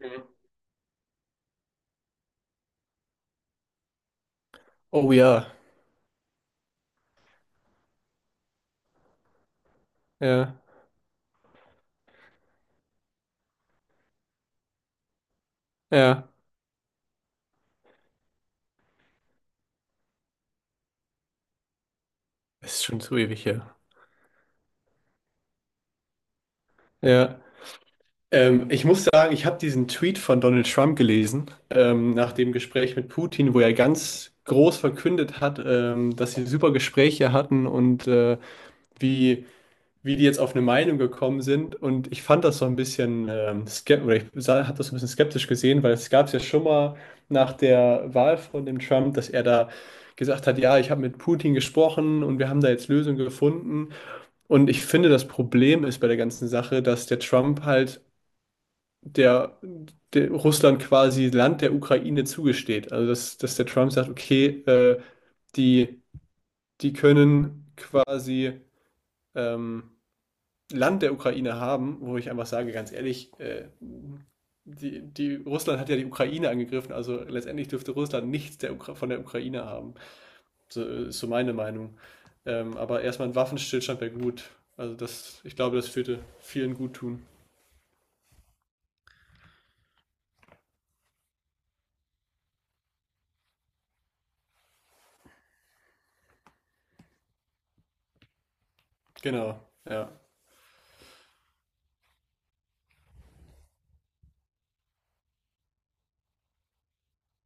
Mhm. Oh ja, ja, ja. Es ist schon zu ewig her. Ja. Ich muss sagen, ich habe diesen Tweet von Donald Trump gelesen, nach dem Gespräch mit Putin, wo er ganz groß verkündet hat, dass sie super Gespräche hatten und wie wie die jetzt auf eine Meinung gekommen sind. Und ich fand das so ein bisschen skeptisch, oder ich habe das so ein bisschen skeptisch gesehen, weil es gab es ja schon mal nach der Wahl von dem Trump, dass er da gesagt hat, ja, ich habe mit Putin gesprochen und wir haben da jetzt Lösungen gefunden. Und ich finde, das Problem ist bei der ganzen Sache, dass der Trump halt der, der Russland quasi Land der Ukraine zugesteht. Also dass der Trump sagt, okay, die, die können quasi ähm, Land der Ukraine haben, wo ich einfach sage, ganz ehrlich, die Russland hat ja die Ukraine angegriffen, also letztendlich dürfte Russland nichts der Ukra von der Ukraine haben. So ist so meine Meinung. Aber erstmal ein Waffenstillstand wäre gut. Also das, ich glaube, das würde vielen gut tun. Genau, ja.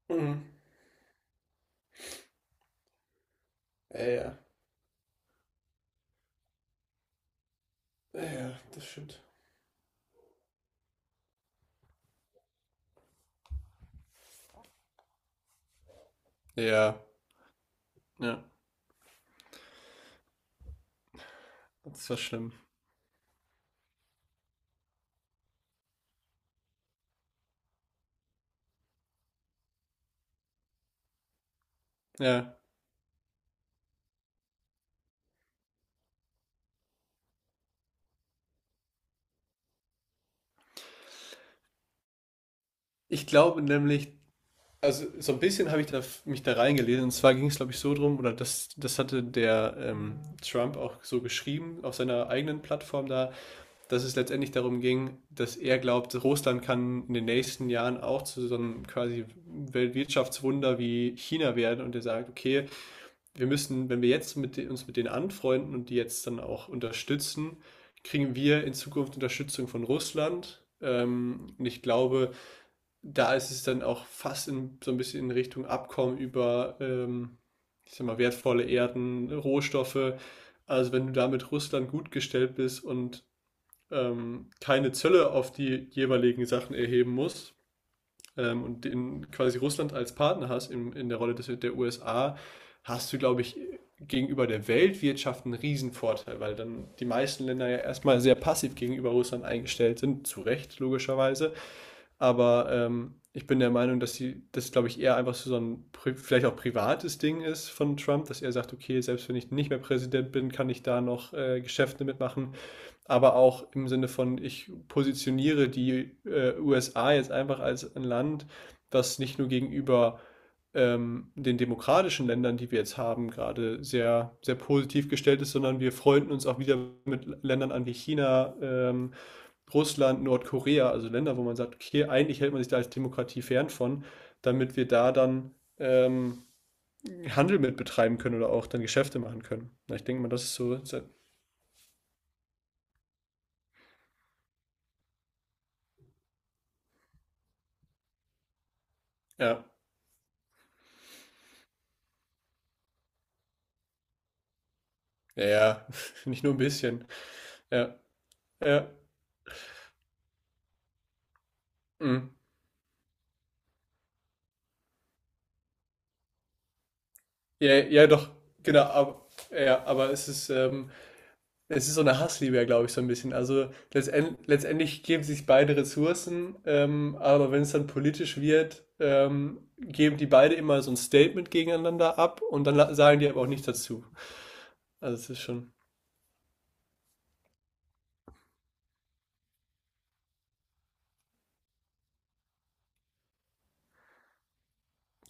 Mhm. Ja, ja, ja, ja, das stimmt. Ja, ja, das war schlimm. Ja, ich glaube nämlich, also so ein bisschen habe ich mich da reingelesen. Und zwar ging es, glaube ich, so drum, oder das hatte der Trump auch so geschrieben auf seiner eigenen Plattform da, dass es letztendlich darum ging, dass er glaubt, Russland kann in den nächsten Jahren auch zu so einem quasi Weltwirtschaftswunder wie China werden. Und er sagt, okay, wir müssen, wenn wir jetzt uns mit denen anfreunden und die jetzt dann auch unterstützen, kriegen wir in Zukunft Unterstützung von Russland. Und ich glaube, da ist es dann auch fast so ein bisschen in Richtung Abkommen über, ich sag mal, wertvolle Erden, Rohstoffe. Also wenn du da mit Russland gut gestellt bist und keine Zölle auf die jeweiligen Sachen erheben musst, quasi Russland als Partner hast in der Rolle der USA, hast du, glaube ich, gegenüber der Weltwirtschaft einen Riesenvorteil, weil dann die meisten Länder ja erstmal sehr passiv gegenüber Russland eingestellt sind, zu Recht logischerweise. Aber ich bin der Meinung, dass glaube ich, eher einfach so ein vielleicht auch privates Ding ist von Trump, dass er sagt, okay, selbst wenn ich nicht mehr Präsident bin, kann ich da noch Geschäfte mitmachen. Aber auch im Sinne von, ich positioniere die USA jetzt einfach als ein Land, das nicht nur gegenüber den demokratischen Ländern, die wir jetzt haben, gerade sehr, sehr positiv gestellt ist, sondern wir freunden uns auch wieder mit Ländern an wie China, Russland, Nordkorea, also Länder, wo man sagt, okay, eigentlich hält man sich da als Demokratie fern von, damit wir da dann Handel mit betreiben können oder auch dann Geschäfte machen können. Na, ich denke mal, das ist so. Ja, ja, ja. Nicht nur ein bisschen. Ja, ja, mm. Ja, ja, doch, genau, ja, aber es ist, es ist so eine Hassliebe, glaube ich, so ein bisschen. Also letztendlich geben sich beide Ressourcen, aber wenn es dann politisch wird, geben die beide immer so ein Statement gegeneinander ab und dann sagen die aber auch nichts dazu. Also es ist schon,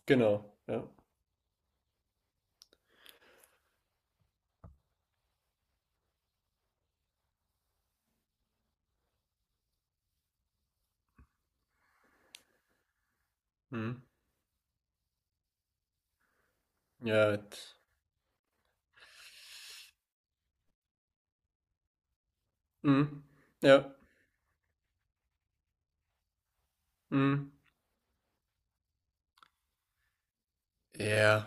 genau, ja. Mhm. Ja. Mhm. Ja. Mhm. Ja.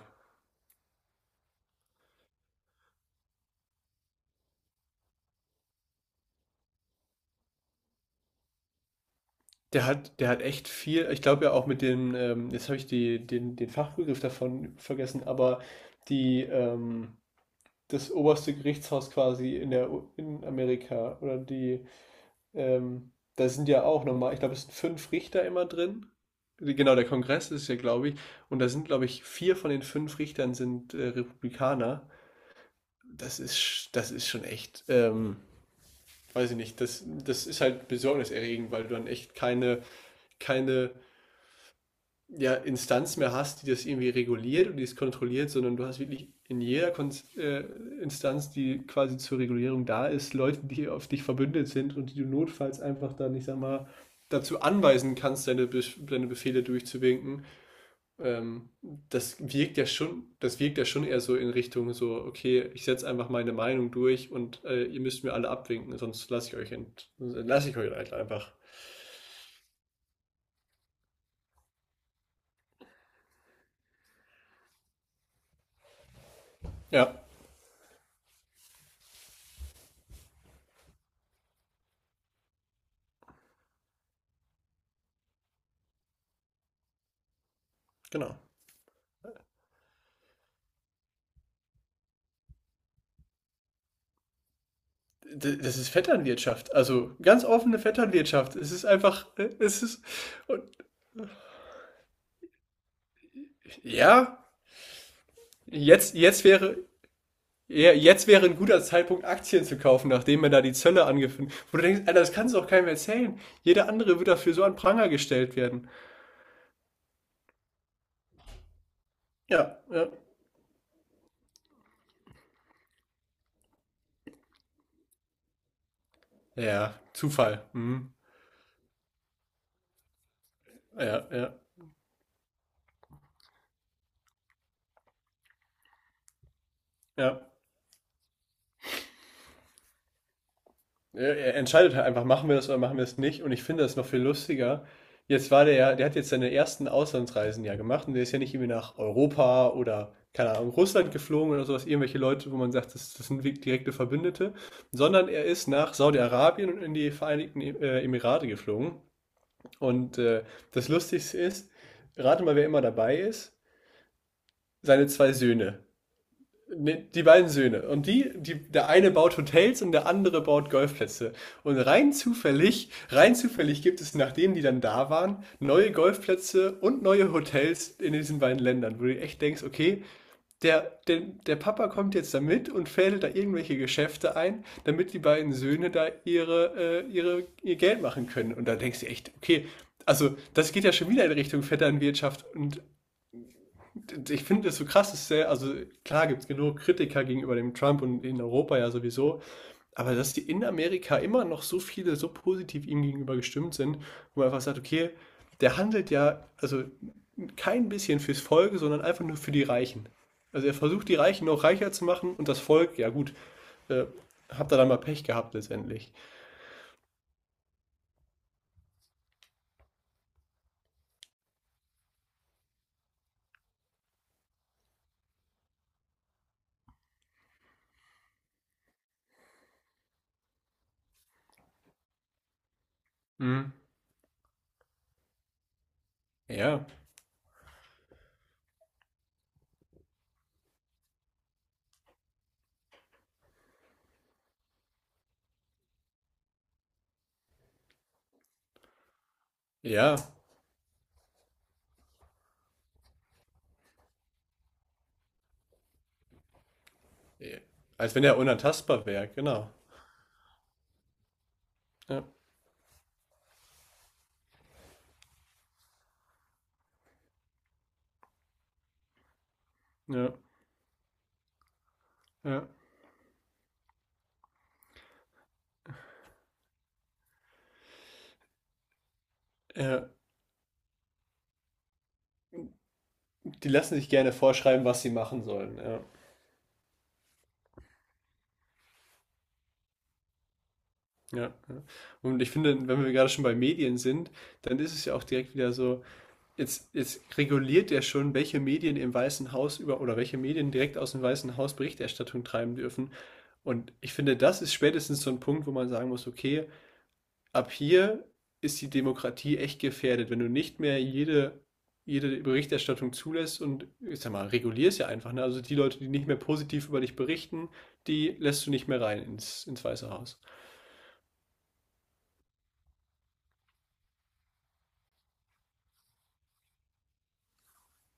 Der hat echt viel, ich glaube ja auch mit dem, jetzt habe ich den Fachbegriff davon vergessen, aber die, ähm, das oberste Gerichtshaus quasi in der in Amerika oder die da sind ja auch nochmal, ich glaube, es sind fünf Richter immer drin. Genau, der Kongress ist ja, glaube ich, und da sind, glaube ich, vier von den fünf Richtern sind Republikaner. Das ist, das ist schon echt, weiß ich nicht, das ist halt besorgniserregend, weil du dann echt keine, ja, Instanz mehr hast, die das irgendwie reguliert und die es kontrolliert, sondern du hast wirklich in jeder Kon Instanz, die quasi zur Regulierung da ist, Leute, die auf dich verbündet sind und die du notfalls einfach dann, ich sag mal, dazu anweisen kannst, deine Befehle durchzuwinken. Ähm, das wirkt ja schon, das wirkt ja schon eher so in Richtung so, okay, ich setze einfach meine Meinung durch und ihr müsst mir alle abwinken, sonst lasse ich euch halt einfach. Ja, genau. Das ist Vetternwirtschaft. Also ganz offene Vetternwirtschaft. Es ist einfach, es ist, und, ja, jetzt, jetzt wäre, ja, jetzt wäre ein guter Zeitpunkt, Aktien zu kaufen, nachdem man da die Zölle angefangen hat. Wo du denkst, Alter, das kannst du auch keinem erzählen. Jeder andere wird dafür so an Pranger gestellt werden. Ja, ja. Ja, Zufall. Mhm. Ja, ja, ja. Er entscheidet halt einfach, machen wir das oder machen wir es nicht. Und ich finde das noch viel lustiger. Jetzt war der ja, der hat jetzt seine ersten Auslandsreisen ja gemacht und der ist ja nicht irgendwie nach Europa oder, keine Ahnung, Russland geflogen oder sowas, irgendwelche Leute, wo man sagt, das sind wirklich direkte Verbündete, sondern er ist nach Saudi-Arabien und in die Emirate geflogen. Und das Lustigste ist, rate mal, wer immer dabei ist, seine zwei Söhne. Ne, die beiden Söhne. Und der eine baut Hotels und der andere baut Golfplätze. Und rein zufällig gibt es, nachdem die dann da waren, neue Golfplätze und neue Hotels in diesen beiden Ländern, wo du echt denkst, okay, der Papa kommt jetzt da mit und fädelt da irgendwelche Geschäfte ein, damit die beiden Söhne da ihr Geld machen können. Und da denkst du echt, okay, also das geht ja schon wieder in Richtung Vetternwirtschaft und ich finde es so krass, das ist sehr, also klar gibt es genug Kritiker gegenüber dem Trump und in Europa ja sowieso, aber dass die in Amerika immer noch so viele so positiv ihm gegenüber gestimmt sind, wo man einfach sagt, okay, der handelt ja, also kein bisschen fürs Volk, sondern einfach nur für die Reichen. Also er versucht die Reichen noch reicher zu machen und das Volk, ja gut, äh, habt ihr dann mal Pech gehabt letztendlich. Mhm. Ja, ja, ja, als wenn er unantastbar wäre, genau. Ja, ja, ja. Ja. Die lassen sich gerne vorschreiben, was sie machen sollen. Ja. Ja, ja. Und ich finde, wenn wir gerade schon bei Medien sind, dann ist es ja auch direkt wieder so, jetzt reguliert er schon, welche Medien im Weißen Haus über oder welche Medien direkt aus dem Weißen Haus Berichterstattung treiben dürfen. Und ich finde, das ist spätestens so ein Punkt, wo man sagen muss, okay, ab hier ist die Demokratie echt gefährdet, wenn du nicht mehr jede Berichterstattung zulässt und, ich sag mal, regulierst ja einfach, ne? Also die Leute, die nicht mehr positiv über dich berichten, die lässt du nicht mehr rein ins Weiße Haus.